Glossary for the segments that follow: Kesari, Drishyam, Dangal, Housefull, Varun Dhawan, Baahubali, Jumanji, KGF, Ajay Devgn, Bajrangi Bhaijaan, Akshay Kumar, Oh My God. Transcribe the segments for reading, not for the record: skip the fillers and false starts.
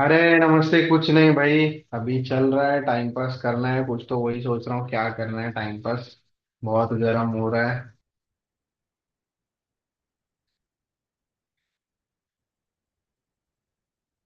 अरे नमस्ते, कुछ नहीं भाई। अभी चल रहा है, टाइम पास करना है कुछ, तो वही सोच रहा हूँ क्या करना है टाइम पास। बहुत गर्म हो रहा है।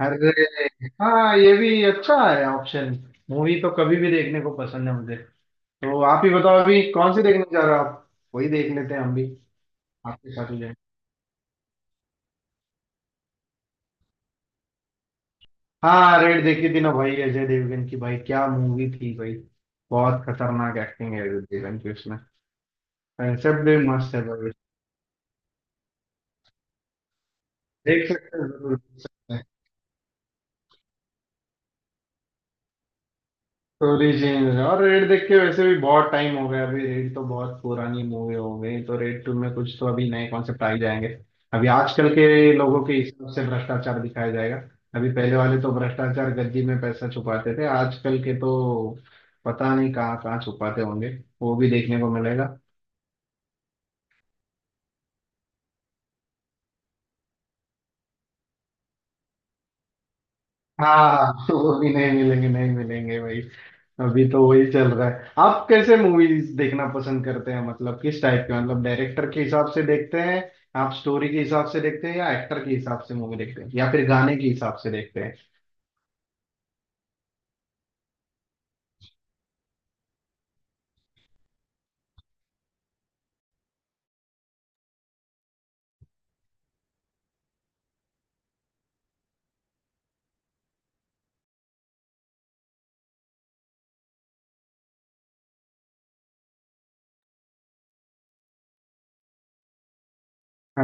अरे हाँ, ये भी अच्छा है ऑप्शन। मूवी तो कभी भी देखने को पसंद है मुझे, तो आप ही बताओ अभी कौन सी देखने जा रहे हो आप। वही देख लेते हैं हम भी, आपके साथ ही जाएंगे। हाँ, रेड देखी थी ना भाई, अजय देवगन की। भाई क्या मूवी थी भाई, बहुत खतरनाक एक्टिंग है अजय देवगन की उसमें। कंसेप्ट भी मस्त है भाई, देख सकते हैं, जरूर देख सकते हैं। स्टोरी चेंज है। और रेड देख के वैसे भी बहुत टाइम हो गया, अभी रेड तो बहुत पुरानी मूवी हो गई, तो रेड टू में कुछ तो अभी नए कॉन्सेप्ट आ ही जाएंगे। अभी आजकल के लोगों के हिसाब से भ्रष्टाचार दिखाया जाएगा। अभी पहले वाले तो भ्रष्टाचार गद्दी में पैसा छुपाते थे, आजकल के तो पता नहीं कहाँ कहाँ छुपाते होंगे। वो भी देखने को मिलेगा। हाँ वो भी नहीं मिलेंगे, नहीं मिलेंगे भाई। अभी तो वही चल रहा है। आप कैसे मूवीज देखना पसंद करते हैं, मतलब किस टाइप के, मतलब डायरेक्टर के हिसाब से देखते हैं आप, स्टोरी के हिसाब से देखते हैं, या एक्टर के हिसाब से मूवी देखते हैं, या फिर गाने के हिसाब से देखते हैं।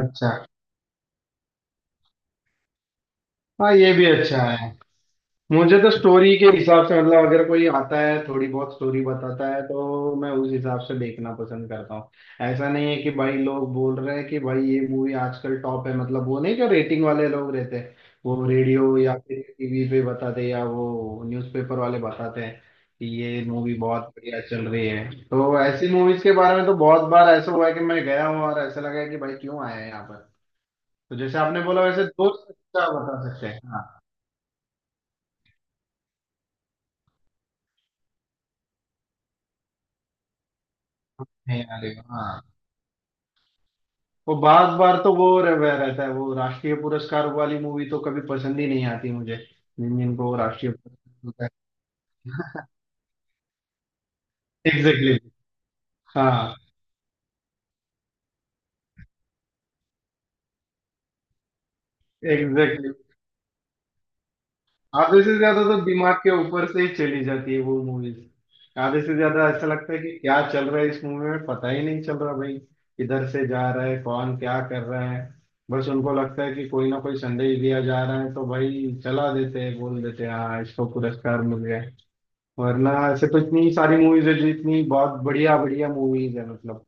अच्छा। हाँ, ये भी अच्छा है। मुझे तो स्टोरी के हिसाब से, मतलब अगर कोई आता है थोड़ी बहुत स्टोरी बताता है तो मैं उस हिसाब से देखना पसंद करता हूँ। ऐसा नहीं है कि भाई लोग बोल रहे हैं कि भाई ये मूवी आजकल टॉप है, मतलब वो नहीं जो रेटिंग वाले लोग रहते हैं, वो रेडियो या फिर टीवी पे बताते हैं, या वो न्यूज़पेपर वाले बताते हैं कि ये मूवी बहुत बढ़िया चल रही है। तो ऐसी मूवीज के बारे में तो बहुत बार ऐसा हुआ है कि मैं गया हूँ और ऐसा लगा है कि भाई क्यों आया है यहाँ पर। तो जैसे आपने बोला वैसे दोस्त अच्छा बता सकते हैं, हाँ। नहीं आ रही, हाँ। वो बार बार तो वो रह वह रहता है, वो राष्ट्रीय पुरस्कार वाली मूवी तो कभी पसंद ही नहीं आती मुझे, जिन जिनको वो राष्ट्रीय पुरस्कार होता है। एग्जैक्टली। हाँ, एग्जैक्टली। आधे से ज्यादा तो दिमाग के ऊपर से ही चली जाती है वो मूवीज। आधे से ज्यादा ऐसा लगता है कि क्या चल रहा है इस मूवी में, पता ही नहीं चल रहा भाई किधर से जा रहा है, कौन क्या कर रहा है। बस उनको लगता है कि कोई ना कोई संदेश दिया जा रहा है, तो भाई चला देते हैं, बोल देते हैं हाँ, इसको पुरस्कार मिल गया। वरना ऐसे तो इतनी सारी मूवीज है, जो इतनी बहुत बढ़िया बढ़िया मूवीज है मतलब,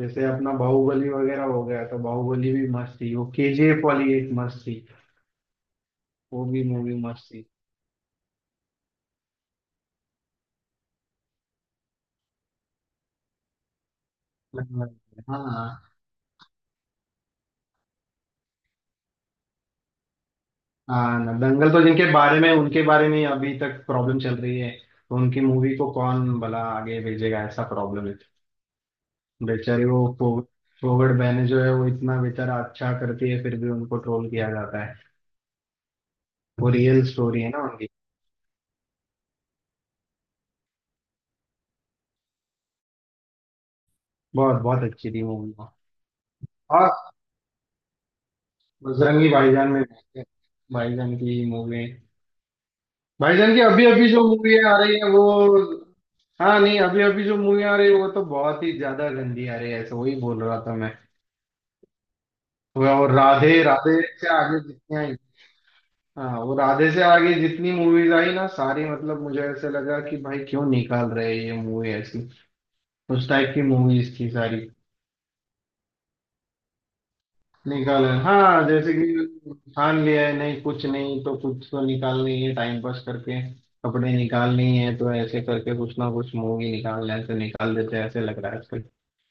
जैसे अपना बाहुबली वगैरह हो गया, तो बाहुबली भी मस्त थी, वो केजीएफ वाली एक मस्त थी, वो भी मूवी मस्त थी। दंगल, हाँ। हाँ ना, दंगल तो जिनके बारे में, उनके बारे में अभी तक प्रॉब्लम चल रही है, तो उनकी मूवी को कौन भला आगे भेजेगा, ऐसा प्रॉब्लम है। बेचारे वो फोवर्ड बहने जो है, वो इतना बेचारा अच्छा करती है, फिर भी उनको ट्रोल किया जाता है। वो रियल स्टोरी है ना उनकी। बहुत बहुत अच्छी थी मूवी। और बजरंगी भाईजान में देखते हैं। भाईजान की मूवी, भाईजान की अभी अभी जो मूवी आ रही है वो, हाँ नहीं, अभी अभी जो मूवी आ रही है वो तो बहुत ही ज्यादा गंदी आ रही है, ऐसे वही बोल रहा था मैं। वो और राधे, राधे से आगे जितनी आई, हाँ वो राधे से आगे जितनी मूवीज आई ना सारी, मतलब मुझे ऐसे लगा कि भाई क्यों निकाल रहे हैं ये मूवी ऐसी, उस टाइप की मूवीज थी सारी। निकाल, हाँ, जैसे कि ठान लिया है, नहीं कुछ नहीं तो कुछ तो निकालनी है, टाइम पास करके कपड़े निकालने ही है, तो ऐसे करके कुछ ना कुछ मूवी निकालना है तो निकाल देते हैं, ऐसे लग रहा है आजकल।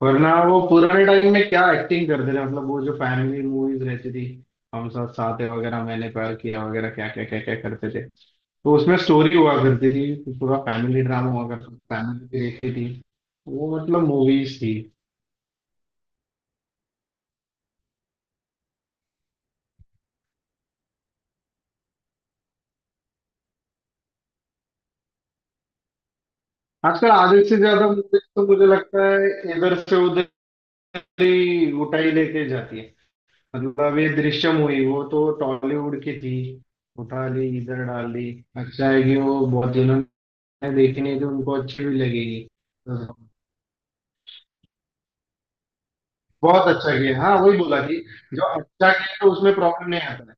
वरना वो पुराने टाइम में क्या एक्टिंग करते थे, मतलब वो जो फैमिली मूवीज रहती थी, हम साथ साथ हैं वगैरह, मैंने प्यार किया वगैरह, क्या क्या क्या क्या करते थे, तो उसमें स्टोरी हुआ करती थी, पूरा फैमिली ड्रामा हुआ करता, फैमिली देखती थी। वो मतलब मूवीज थी। आजकल आधे से ज्यादा मुझे तो, मुझे लगता है इधर से उधर ही उठाई लेके जाती है। मतलब अब ये दृश्यम हुई, वो तो टॉलीवुड की थी, उठा ली इधर डाल दी। अच्छा है कि वो बहुत दिनों ने देखी नहीं थी, उनको अच्छी भी लगेगी। तो बहुत अच्छा किया, हाँ वही बोला कि जो अच्छा किया तो उसमें प्रॉब्लम नहीं आता है।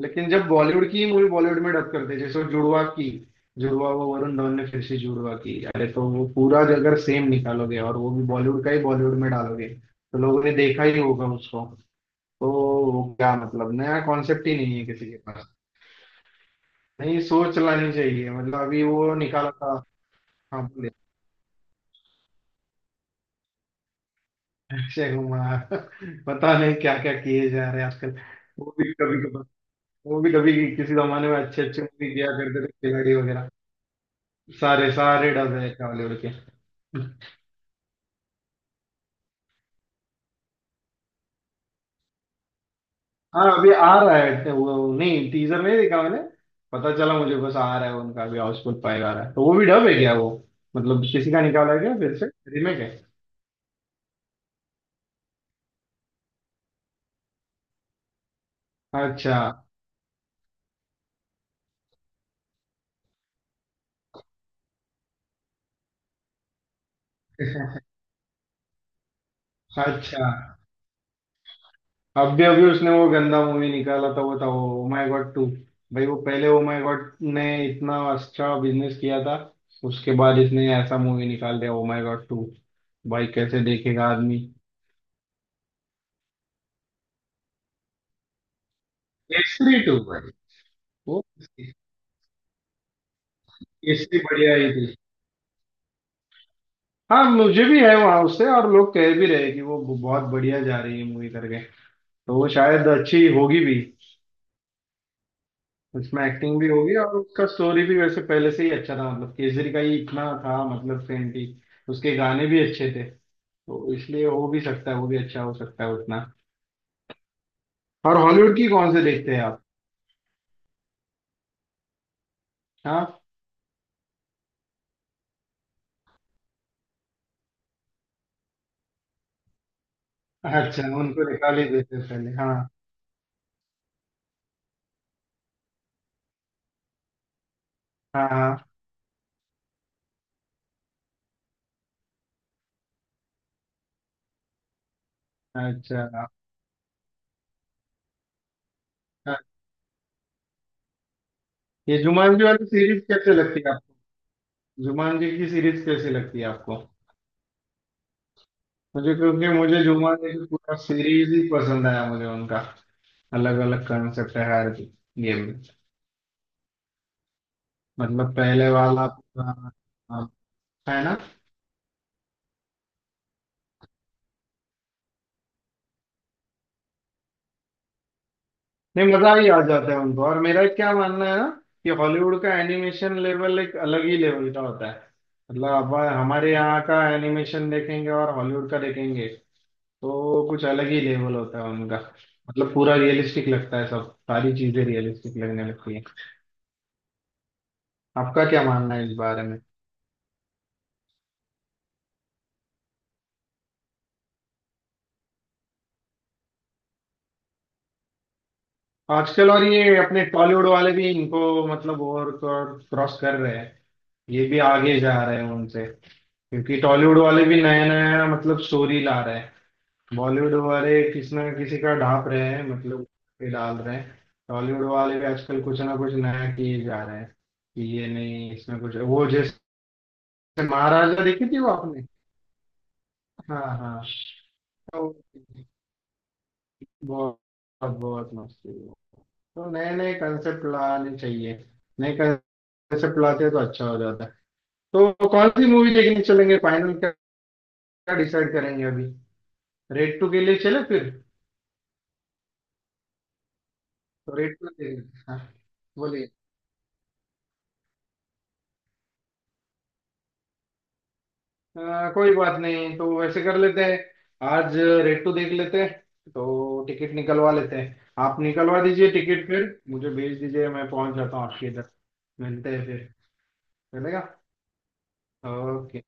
लेकिन जब बॉलीवुड की मूवी बॉलीवुड में डब करते हैं, जैसे वो जुड़वा की जुड़वा, वो वरुण धवन ने फिर से जुड़वा की, अरे तो वो पूरा अगर सेम निकालोगे और वो भी बॉलीवुड का ही बॉलीवुड में डालोगे तो लोगों ने देखा ही होगा उसको। तो वो क्या, मतलब नया कॉन्सेप्ट ही नहीं है किसी के पास, नहीं सोच लानी चाहिए, मतलब अभी वो निकाला था। हाँ बोलिए। अक्षय कुमार पता नहीं क्या क्या किए जा रहे हैं आजकल। वो भी कभी कभी, वो भी कभी किसी जमाने में अच्छे अच्छे मूवी किया करते थे, खिलाड़ी वगैरह। सारे सारे डब है बॉलीवुड के। हाँ अभी आ रहा है तो, वो नहीं, टीजर नहीं देखा मैंने, पता चला मुझे बस आ रहा है उनका, अभी हाउसफुल फाइव आ रहा है, तो वो भी डब है क्या वो, मतलब किसी का निकाला है क्या फिर से, रीमेक है। अच्छा। अच्छा, अभी अभी उसने वो गंदा मूवी निकाला था, वो था वो ओ माय गॉड टू। भाई वो पहले ओ माय गॉड ने इतना अच्छा बिजनेस किया था, उसके बाद इसने ऐसा मूवी निकाल दिया ओ माय गॉड टू, भाई कैसे देखेगा आदमी। केसरी टू भाई, वो केसरी बढ़िया ही थी। हाँ, मुझे भी है वहां उससे, और लोग कह भी रहे कि वो बहुत बढ़िया जा रही है मूवी करके, तो वो शायद अच्छी होगी भी। उसमें एक्टिंग भी होगी, और उसका स्टोरी भी वैसे पहले से ही अच्छा था, मतलब केसरी का ही इतना था, मतलब सेम थी, उसके गाने भी अच्छे थे, तो इसलिए हो भी सकता है वो भी अच्छा हो सकता है उतना। और हॉलीवुड की कौन से देखते हैं आप? हाँ। अच्छा, उनको निकाल ही देते हैं पहले, हाँ। हाँ। हाँ। अच्छा। हाँ। ये जुमान जी वाली सीरीज कैसे लगती है आपको? जुमान जी की सीरीज कैसे लगती है आपको? मुझे, क्योंकि मुझे जुम्मन की पूरा सीरीज ही पसंद आया, मुझे उनका अलग अलग कंसेप्ट है हर गेम में। मतलब पहले वाला पूरा, हाँ, है ना। नहीं मजा ही आ जाता है उनको। और मेरा क्या मानना है ना, कि हॉलीवुड का एनिमेशन लेवल एक अलग ही लेवल का होता है। मतलब अब हमारे यहाँ का एनिमेशन देखेंगे और हॉलीवुड का देखेंगे तो कुछ अलग ही लेवल होता है उनका, मतलब पूरा रियलिस्टिक लगता है, सब सारी चीजें रियलिस्टिक लगने लगती है। आपका क्या मानना है इस बारे में? आजकल और ये अपने टॉलीवुड वाले भी इनको मतलब और क्रॉस कर रहे हैं, ये भी आगे जा रहे हैं उनसे, क्योंकि टॉलीवुड वाले भी नया नया मतलब स्टोरी ला रहे हैं। बॉलीवुड वाले किसी ना किसी का ढाप रहे हैं मतलब, ये डाल रहे हैं। टॉलीवुड वाले भी आजकल कुछ ना कुछ नया किए जा रहे हैं, कि ये नहीं इसमें कुछ वो, जैसे महाराजा देखी थी वो आपने? हाँ, हाँ, तो बहुत बहुत मस्त थी। तो नए नए कंसेप्ट लाने चाहिए, नए कंसेप्ट लाते हैं तो अच्छा हो जाता है। तो कौन सी मूवी देखने चलेंगे फाइनल, क्या डिसाइड करेंगे अभी, रेड टू के लिए चले फिर? तो रेड टू देख, हाँ बोलिए। कोई बात नहीं, तो वैसे कर लेते हैं, आज रेड टू देख लेते हैं, तो टिकट निकलवा लेते हैं। आप निकलवा दीजिए टिकट, फिर मुझे भेज दीजिए, मैं पहुंच जाता हूँ आपके इधर। मिलते हैं फिर। चलेगा, ओके।